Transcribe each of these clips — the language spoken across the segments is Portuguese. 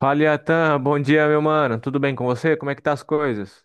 Fala, Iatan, bom dia, meu mano. Tudo bem com você? Como é que tá as coisas?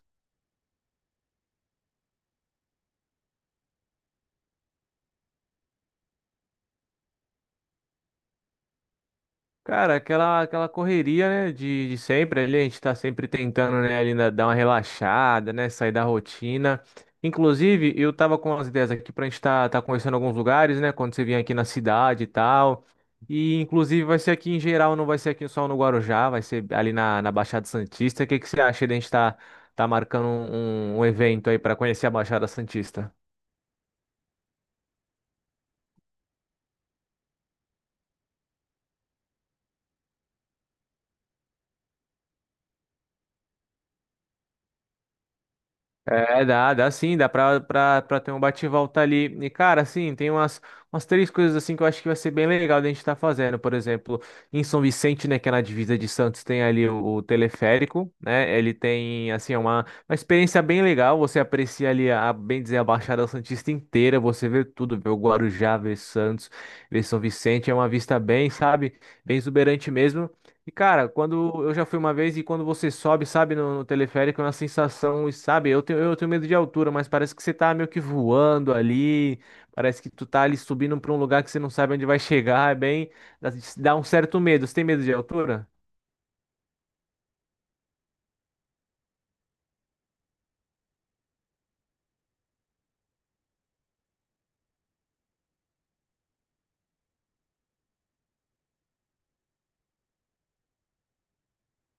Cara, aquela correria, né, de sempre ali, a gente tá sempre tentando, né, dar uma relaxada, né, sair da rotina. Inclusive, eu tava com as ideias aqui pra gente tá conhecendo alguns lugares, né, quando você vier aqui na cidade e tal. E, inclusive, vai ser aqui em geral, não vai ser aqui só no Guarujá, vai ser ali na Baixada Santista. O que que você acha de a gente tá marcando um evento aí pra conhecer a Baixada Santista? É, dá sim, dá pra ter um bate e volta ali. E, cara, assim, tem umas três coisas assim que eu acho que vai ser bem legal da gente estar fazendo. Por exemplo, em São Vicente, né, que é na divisa de Santos, tem ali o teleférico, né? Ele tem, assim, é uma experiência bem legal. Você aprecia ali, a, bem dizer, a Baixada Santista inteira. Você vê tudo, vê o Guarujá, vê Santos, vê São Vicente. É uma vista bem, sabe, bem exuberante mesmo. E, cara, quando eu já fui uma vez e quando você sobe, sabe, no teleférico, é uma sensação, e sabe, eu tenho medo de altura, mas parece que você tá meio que voando ali, parece que tu tá ali subindo pra um lugar que você não sabe onde vai chegar, é bem, dá dá um certo medo. Você tem medo de altura?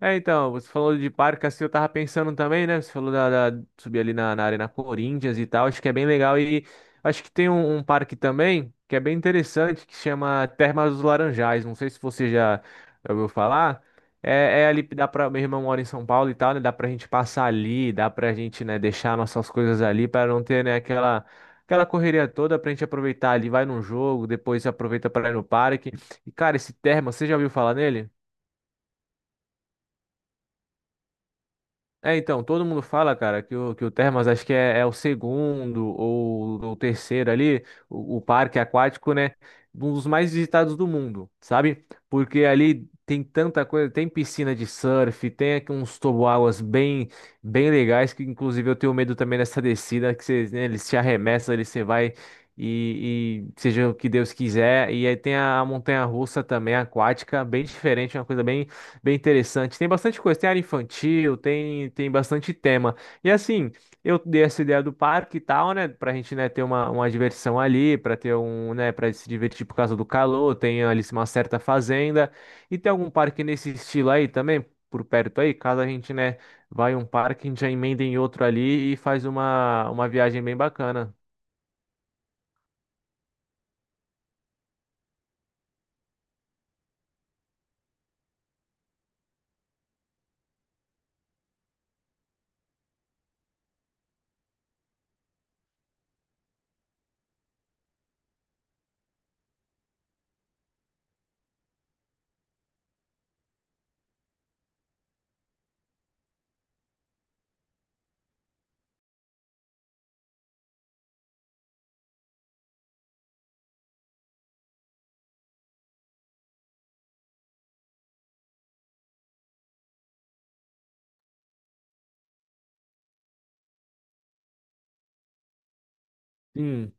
É, então, você falou de parque, assim, eu tava pensando também, né? Você falou da subir ali na Arena Corinthians e tal, acho que é bem legal. E acho que tem um parque também que é bem interessante, que chama Termas dos Laranjais. Não sei se você já ouviu falar. É, é ali, dá pra. Meu irmão mora em São Paulo e tal, né? Dá pra gente passar ali, dá pra gente, né, deixar nossas coisas ali para não ter, né, aquela. Aquela correria toda pra gente aproveitar ali, vai num jogo, depois aproveita pra ir no parque. E cara, esse termo você já ouviu falar nele? É, então, todo mundo fala, cara, que o Termas acho que é, é o segundo ou o terceiro ali, o parque aquático, né? Um dos mais visitados do mundo, sabe? Porque ali tem tanta coisa, tem piscina de surf, tem aqui uns toboáguas bem, bem legais, que inclusive eu tenho medo também dessa descida, que você, né, eles te arremessam ali, você vai e seja o que Deus quiser. E aí tem a montanha-russa também, aquática, bem diferente, uma coisa bem interessante. Tem bastante coisa. Tem área infantil, tem bastante tema. E assim, eu dei essa ideia do parque e tal, né? Pra gente, né, ter uma diversão ali, pra ter um, né, pra se divertir por causa do calor. Tem ali uma certa fazenda. E tem algum parque nesse estilo aí também, por perto aí? Caso a gente, né, vai em um parque, a gente já emenda em outro ali e faz uma viagem bem bacana. Sim.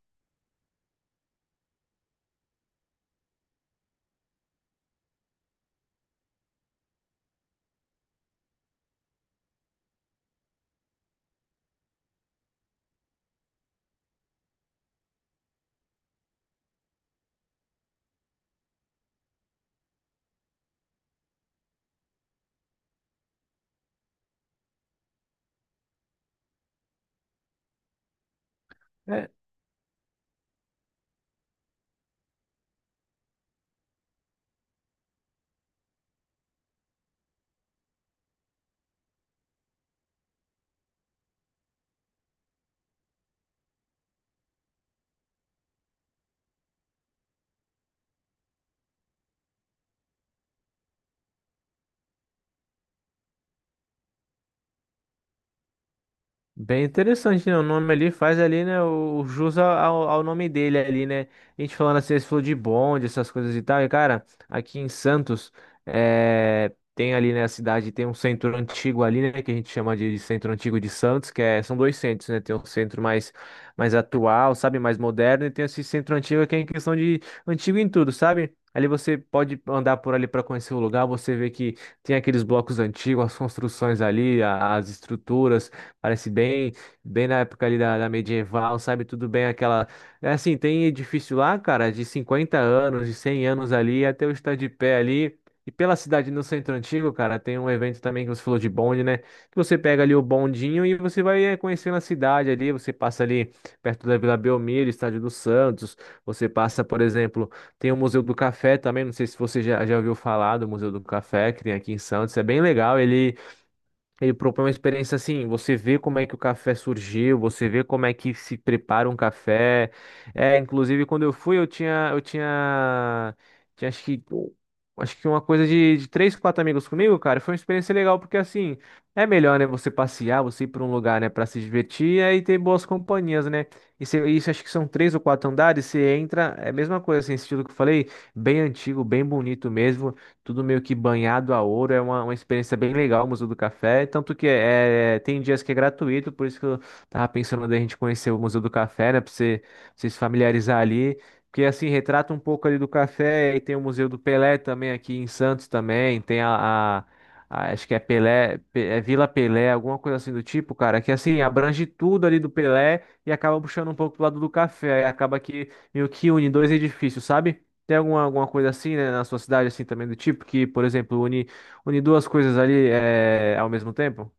Bem interessante, né? O nome ali faz ali, né? O jus ao nome dele ali, né? A gente falando assim, esse falou de bonde, essas coisas e tal. E, cara, aqui em Santos, é, tem ali, né? A cidade tem um centro antigo ali, né? Que a gente chama de centro antigo de Santos, que é, são dois centros, né? Tem um centro mais atual, sabe? Mais moderno. E tem esse centro antigo que é em questão de antigo em tudo, sabe? Ali você pode andar por ali para conhecer o lugar, você vê que tem aqueles blocos antigos, as construções ali, as estruturas. Parece bem, bem na época ali da medieval, sabe? Tudo bem aquela. É assim, tem edifício lá, cara, de 50 anos, de 100 anos ali, até o estar de pé ali. E pela cidade no centro antigo, cara, tem um evento também que você falou de bonde, né? Que você pega ali o bondinho e você vai conhecendo a cidade ali. Você passa ali perto da Vila Belmiro, Estádio dos Santos. Você passa, por exemplo, tem o Museu do Café também. Não sei se você já ouviu falar do Museu do Café, que tem aqui em Santos. É bem legal. Ele propõe uma experiência assim, você vê como é que o café surgiu, você vê como é que se prepara um café. É, inclusive quando eu fui, eu tinha acho que uma coisa de três, quatro amigos comigo, cara. Foi uma experiência legal porque assim, é melhor, né, você passear, você ir para um lugar, né, para se divertir e aí ter boas companhias, né? Isso, acho que são três ou quatro andares, você entra, é a mesma coisa, assim, esse estilo que eu falei, bem antigo, bem bonito mesmo tudo meio que banhado a ouro. É uma experiência bem legal o Museu do Café. Tanto que tem dias que é gratuito, por isso que eu tava pensando da gente conhecer o Museu do Café, né? Pra você se familiarizar ali. Porque assim, retrata um pouco ali do café. E tem o Museu do Pelé também aqui em Santos também. Tem a... a- Acho que é Pelé, é Vila Pelé, alguma coisa assim do tipo, cara, que assim, abrange tudo ali do Pelé e acaba puxando um pouco pro lado do café, aí acaba que meio que une dois edifícios, sabe? Tem alguma coisa assim, né, na sua cidade, assim, também do tipo, que, por exemplo, une duas coisas ali ao mesmo tempo?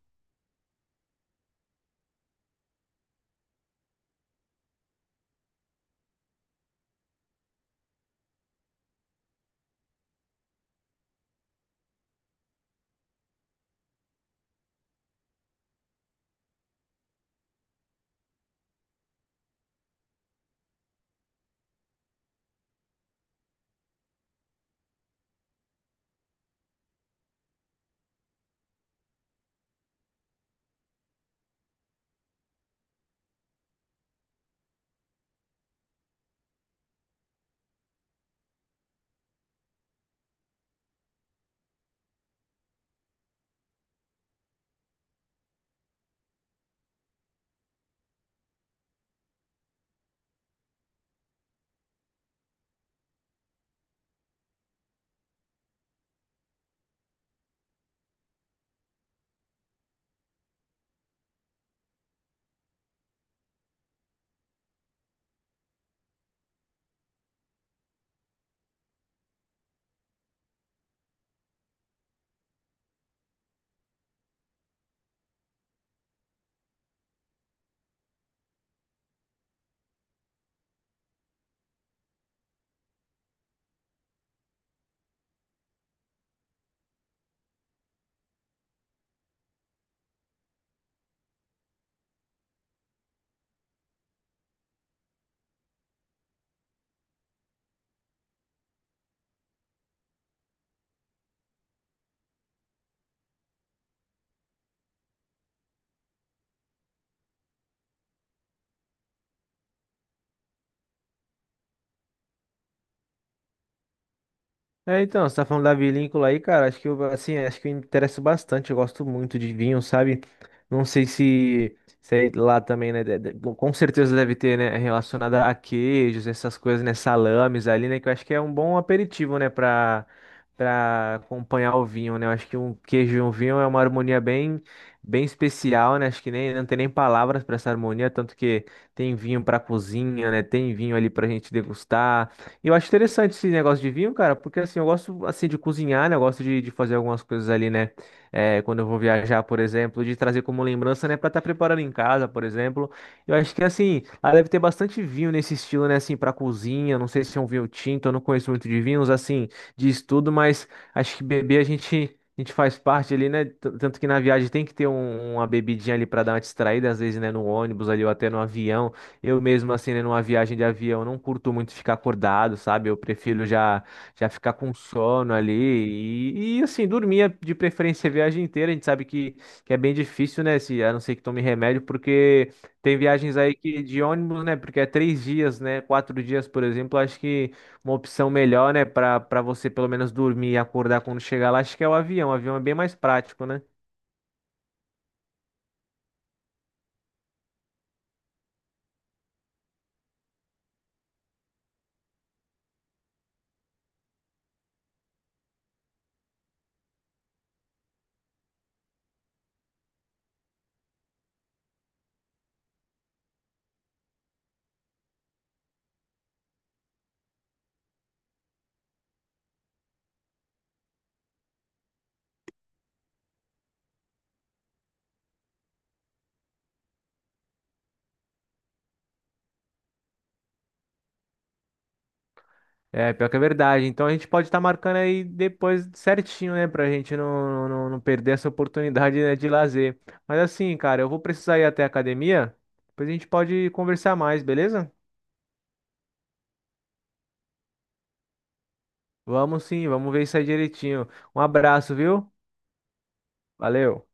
É, então, você tá falando da vinícola aí, cara, acho que eu, assim, acho que eu me interessa bastante, eu gosto muito de vinho, sabe? Não sei se aí lá também, né, bom, com certeza deve ter, né, relacionada a queijos, essas coisas, né, salames ali, né, que eu acho que é um bom aperitivo, né, pra acompanhar o vinho, né, eu acho que um queijo e um vinho é uma harmonia bem, bem especial, né, acho que nem, não tem nem palavras pra essa harmonia, tanto que tem vinho pra cozinha, né, tem vinho ali pra gente degustar, e eu acho interessante esse negócio de vinho, cara, porque assim, eu gosto assim de cozinhar, né? Eu gosto de fazer algumas coisas ali, né? É, quando eu vou viajar, por exemplo, de trazer como lembrança, né? Pra estar preparando em casa, por exemplo. Eu acho que assim, lá deve ter bastante vinho nesse estilo, né? Assim, pra cozinha. Não sei se é um vinho tinto, eu não conheço muito de vinhos, assim, de estudo, mas acho que beber a gente. A gente faz parte ali, né? Tanto que na viagem tem que ter uma bebidinha ali pra dar uma distraída, às vezes, né? No ônibus ali ou até no avião. Eu mesmo, assim, né, numa viagem de avião, não curto muito ficar acordado, sabe? Eu prefiro já ficar com sono ali e assim, dormir de preferência a viagem inteira. A gente sabe que é bem difícil, né? Se, a não ser que tome remédio, porque tem viagens aí que, de ônibus, né? Porque é 3 dias, né? 4 dias, por exemplo, acho que uma opção melhor, né? Para você pelo menos dormir e acordar quando chegar lá, acho que é o avião. O avião é bem mais prático, né? É, pior que é verdade. Então a gente pode estar marcando aí depois certinho, né? Pra gente não perder essa oportunidade, né, de lazer. Mas assim, cara, eu vou precisar ir até a academia. Depois a gente pode conversar mais, beleza? Vamos sim, vamos ver isso aí direitinho. Um abraço, viu? Valeu.